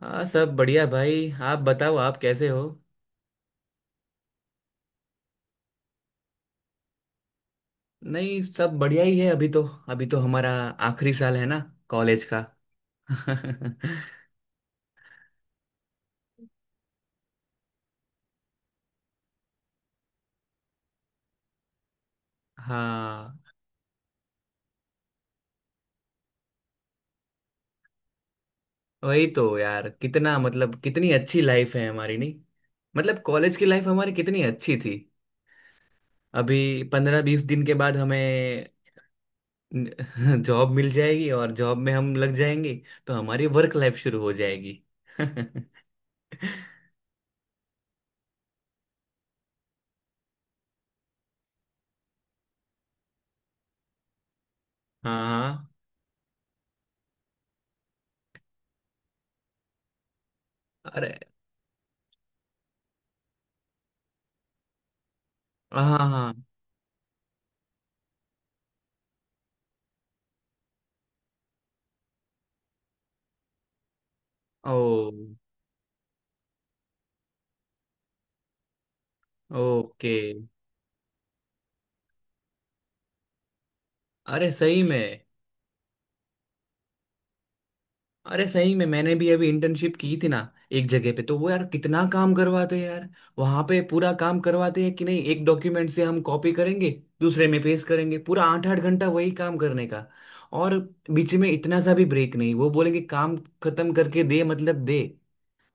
हाँ, सब बढ़िया भाई। आप बताओ, आप कैसे हो। नहीं, सब बढ़िया ही है अभी तो। अभी तो हमारा आखिरी साल है ना, कॉलेज का। हाँ वही तो यार, कितना मतलब कितनी अच्छी लाइफ है हमारी, नहीं। मतलब कॉलेज की लाइफ हमारी कितनी अच्छी थी। अभी 15 20 दिन के बाद हमें जॉब मिल जाएगी और जॉब में हम लग जाएंगे। तो हमारी वर्क लाइफ शुरू हो जाएगी। हाँ हाँ, अरे हाँ हाँ हाँ, ओ ओके। अरे सही में। अरे सही में, मैंने भी अभी इंटर्नशिप की थी ना। एक जगह पे तो, वो यार, कितना काम करवाते हैं यार। वहां पे पूरा काम करवाते हैं कि नहीं, एक डॉक्यूमेंट से हम कॉपी करेंगे, दूसरे में पेस्ट करेंगे, पूरा आठ 8 घंटा वही काम करने का। और बीच में इतना सा भी ब्रेक नहीं, वो बोलेंगे काम खत्म करके दे, मतलब दे।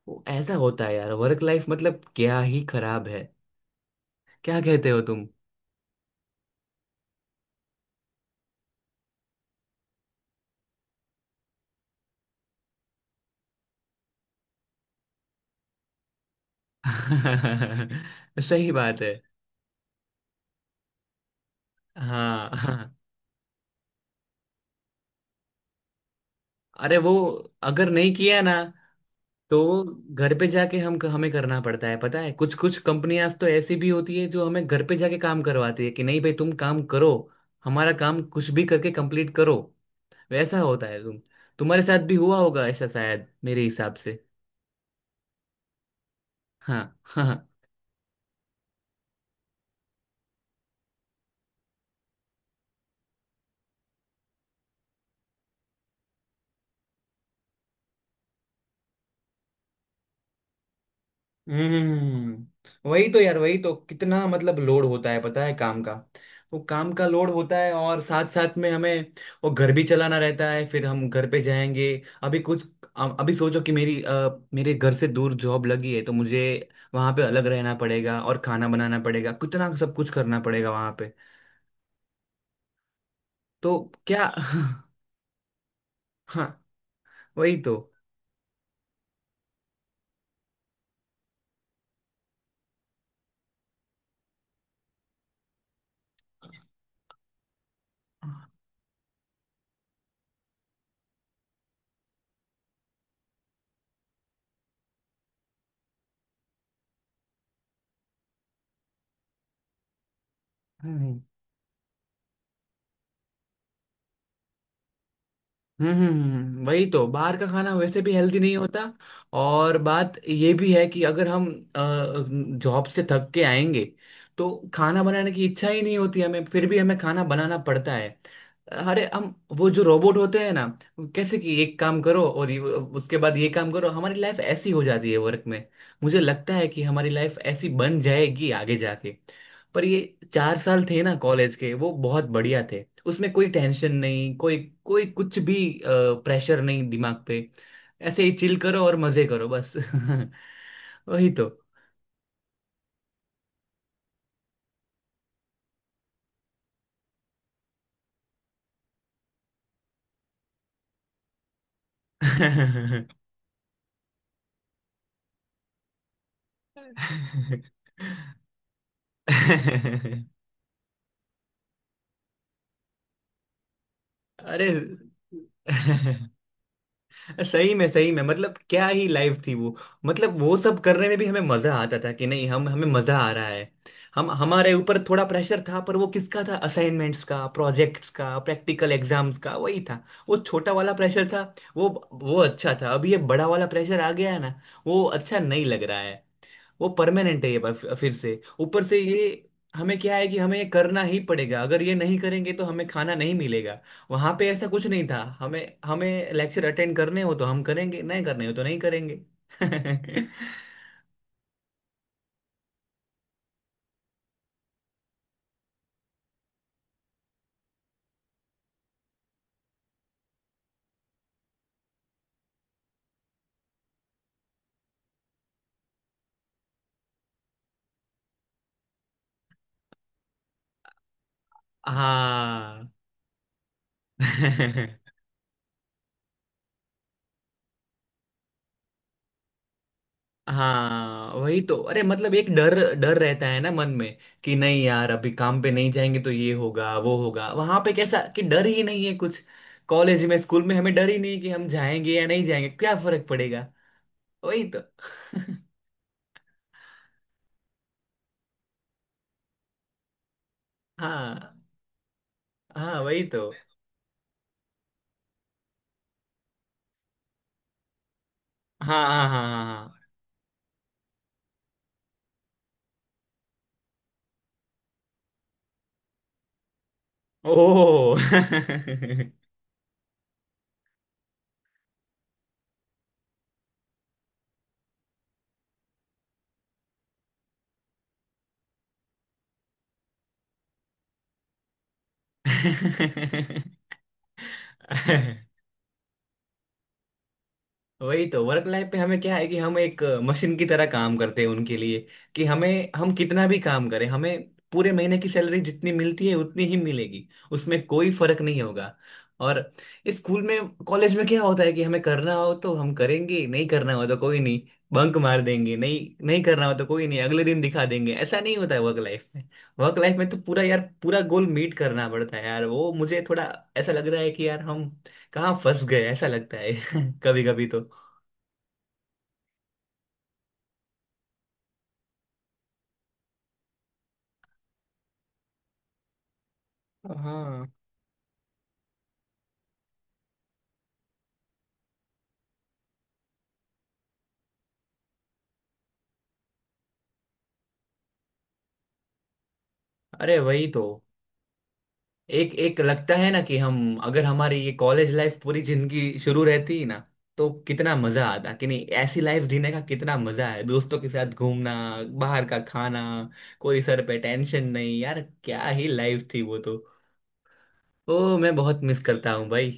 वो ऐसा होता है यार, वर्क लाइफ मतलब क्या ही खराब है, क्या कहते हो तुम। सही बात है। हाँ हाँ। अरे वो, अगर नहीं किया ना, तो घर पे जाके हम हमें करना पड़ता है, पता है। कुछ कुछ कंपनियां तो ऐसी भी होती है जो हमें घर पे जाके काम करवाती है कि नहीं भाई, तुम काम करो, हमारा काम कुछ भी करके कंप्लीट करो। वैसा होता है, तुम्हारे साथ भी हुआ होगा ऐसा, शायद मेरे हिसाब से। हाँ। हम्म, वही तो यार, वही तो, कितना मतलब लोड होता है, पता है, काम का। वो काम का लोड होता है और साथ साथ में हमें वो घर भी चलाना रहता है, फिर हम घर पे जाएंगे। अभी कुछ अभी सोचो कि मेरी, मेरे घर से दूर जॉब लगी है, तो मुझे वहां पे अलग रहना पड़ेगा और खाना बनाना पड़ेगा, कितना सब कुछ करना पड़ेगा वहां पे। तो क्या। हाँ वही तो। वही तो, बाहर का खाना वैसे भी हेल्दी नहीं होता। और बात ये भी है कि अगर हम जॉब से थक के आएंगे, तो खाना बनाने की इच्छा ही नहीं होती हमें, फिर भी हमें खाना बनाना पड़ता है। अरे हम, वो जो रोबोट होते हैं ना, वो कैसे कि एक काम करो और उसके बाद ये काम करो, हमारी लाइफ ऐसी हो जाती है वर्क में। मुझे लगता है कि हमारी लाइफ ऐसी बन जाएगी आगे जाके। पर ये 4 साल थे ना, कॉलेज के, वो बहुत बढ़िया थे। उसमें कोई टेंशन नहीं, कोई कोई कुछ भी प्रेशर नहीं दिमाग पे। ऐसे ही चिल करो और मजे करो बस। वही तो। अरे। सही में सही में, मतलब क्या ही लाइफ थी वो। मतलब वो सब करने में भी हमें मजा आता था कि नहीं, हम हमें मजा आ रहा है। हम हमारे ऊपर थोड़ा प्रेशर था, पर वो किसका था, असाइनमेंट्स का, प्रोजेक्ट्स का, प्रैक्टिकल एग्जाम्स का, वही था। वो छोटा वाला प्रेशर था, वो वो अच्छा था। अभी ये बड़ा वाला प्रेशर आ गया है ना, वो अच्छा नहीं लग रहा है। वो परमानेंट है, ये बात फिर से, ऊपर से ये हमें क्या है कि हमें ये करना ही पड़ेगा, अगर ये नहीं करेंगे तो हमें खाना नहीं मिलेगा। वहां पे ऐसा कुछ नहीं था, हमें हमें लेक्चर अटेंड करने हो तो हम करेंगे, नहीं करने हो तो नहीं करेंगे। हाँ। हाँ वही तो। अरे मतलब, एक डर डर रहता है ना मन में, कि नहीं यार, अभी काम पे नहीं जाएंगे तो ये होगा वो होगा। वहां पे कैसा कि डर ही नहीं है कुछ, कॉलेज में, स्कूल में। हमें डर ही नहीं कि हम जाएंगे या नहीं जाएंगे, क्या फर्क पड़ेगा। वही तो। हाँ हाँ वही तो। हाँ हाँ हाँ हाँ हाँ। ओह। है। वही तो, वर्क लाइफ पे हमें क्या है कि हम एक मशीन की तरह काम करते हैं उनके लिए। कि हमें, हम कितना भी काम करें, हमें पूरे महीने की सैलरी जितनी मिलती है उतनी ही मिलेगी, उसमें कोई फर्क नहीं होगा। और स्कूल में, कॉलेज में क्या होता है कि हमें करना हो तो हम करेंगे, नहीं करना हो तो कोई नहीं, बंक मार देंगे। नहीं नहीं करना हो तो कोई नहीं, अगले दिन दिखा देंगे। ऐसा नहीं होता है वर्क लाइफ में। वर्क लाइफ में तो पूरा यार, पूरा गोल मीट करना पड़ता है यार, वो मुझे थोड़ा ऐसा लग रहा है कि यार हम कहाँ फंस गए, ऐसा लगता है कभी कभी तो। हाँ अरे वही तो, एक एक लगता है ना कि हम, अगर हमारी ये कॉलेज लाइफ पूरी जिंदगी शुरू रहती ना, तो कितना मजा आता, कि नहीं। ऐसी लाइफ जीने का कितना मजा है, दोस्तों के साथ घूमना, बाहर का खाना, कोई सर पे टेंशन नहीं यार, क्या ही लाइफ थी वो तो। ओ, मैं बहुत मिस करता हूँ भाई।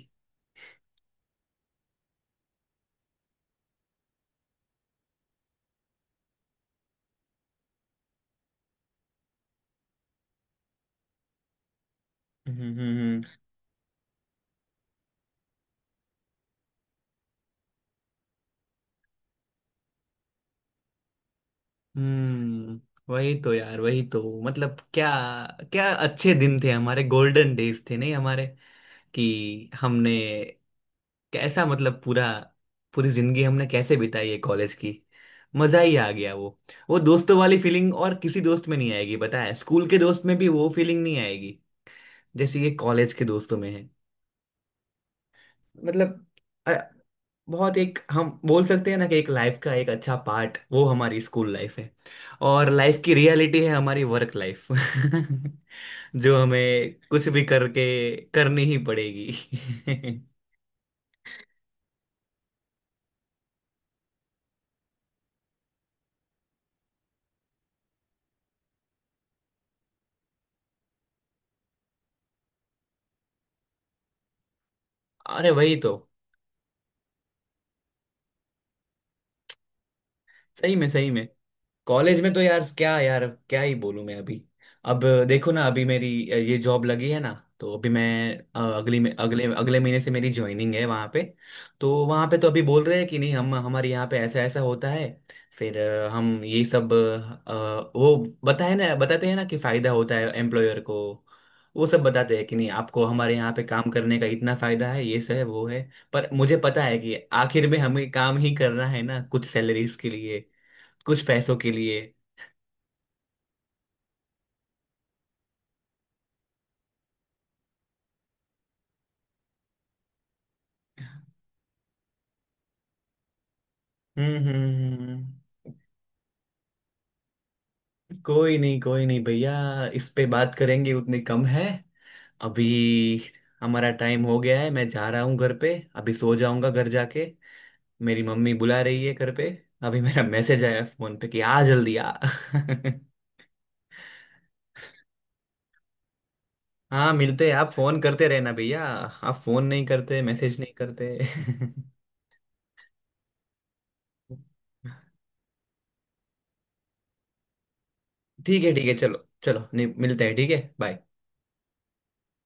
हम्म हम्म हम्म, हम्म, वही तो यार, वही तो, मतलब क्या, क्या अच्छे दिन थे हमारे, गोल्डन डेज थे नहीं हमारे, कि हमने कैसा, मतलब पूरा, पूरी जिंदगी हमने कैसे बिताई है कॉलेज की, मजा ही आ गया वो। वो दोस्तों वाली फीलिंग और किसी दोस्त में नहीं आएगी, पता है, स्कूल के दोस्त में भी वो फीलिंग नहीं आएगी, जैसे ये कॉलेज के दोस्तों में है। मतलब अ, बहुत, एक हम बोल सकते हैं ना, कि एक लाइफ का एक अच्छा पार्ट वो हमारी स्कूल लाइफ है। और लाइफ की रियलिटी है हमारी वर्क लाइफ, जो हमें कुछ भी करके करनी ही पड़ेगी। अरे वही तो। सही में सही में। कॉलेज में तो यार, क्या यार, क्या ही बोलूं मैं अभी। अब देखो ना, अभी मेरी ये जॉब लगी है ना, तो अभी मैं, अगली में अगले अगले महीने से मेरी ज्वाइनिंग है वहाँ पे। तो वहाँ पे तो अभी बोल रहे हैं कि नहीं, हम हमारे यहाँ पे ऐसा ऐसा होता है। फिर हम ये सब, वो बताए ना बताते हैं ना, कि फायदा होता है एम्प्लॉयर को। वो सब बताते हैं कि नहीं, आपको हमारे यहाँ पे काम करने का इतना फायदा है, ये सब है वो है। पर मुझे पता है कि आखिर में हमें काम ही करना है ना, कुछ सैलरीज के लिए, कुछ पैसों के लिए। हम्म हम्म, हम्म। कोई नहीं भैया, इस पे बात करेंगे उतनी कम है। अभी हमारा टाइम हो गया है, मैं जा रहा हूँ घर पे, अभी सो जाऊंगा घर जाके। मेरी मम्मी बुला रही है घर पे, अभी मेरा मैसेज आया फोन पे, कि आ, जल्दी आ। हाँ, मिलते हैं। आप फोन करते रहना भैया, आप फोन नहीं करते, मैसेज नहीं करते। ठीक है ठीक है, चलो चलो, नहीं मिलते हैं, ठीक है, बाय।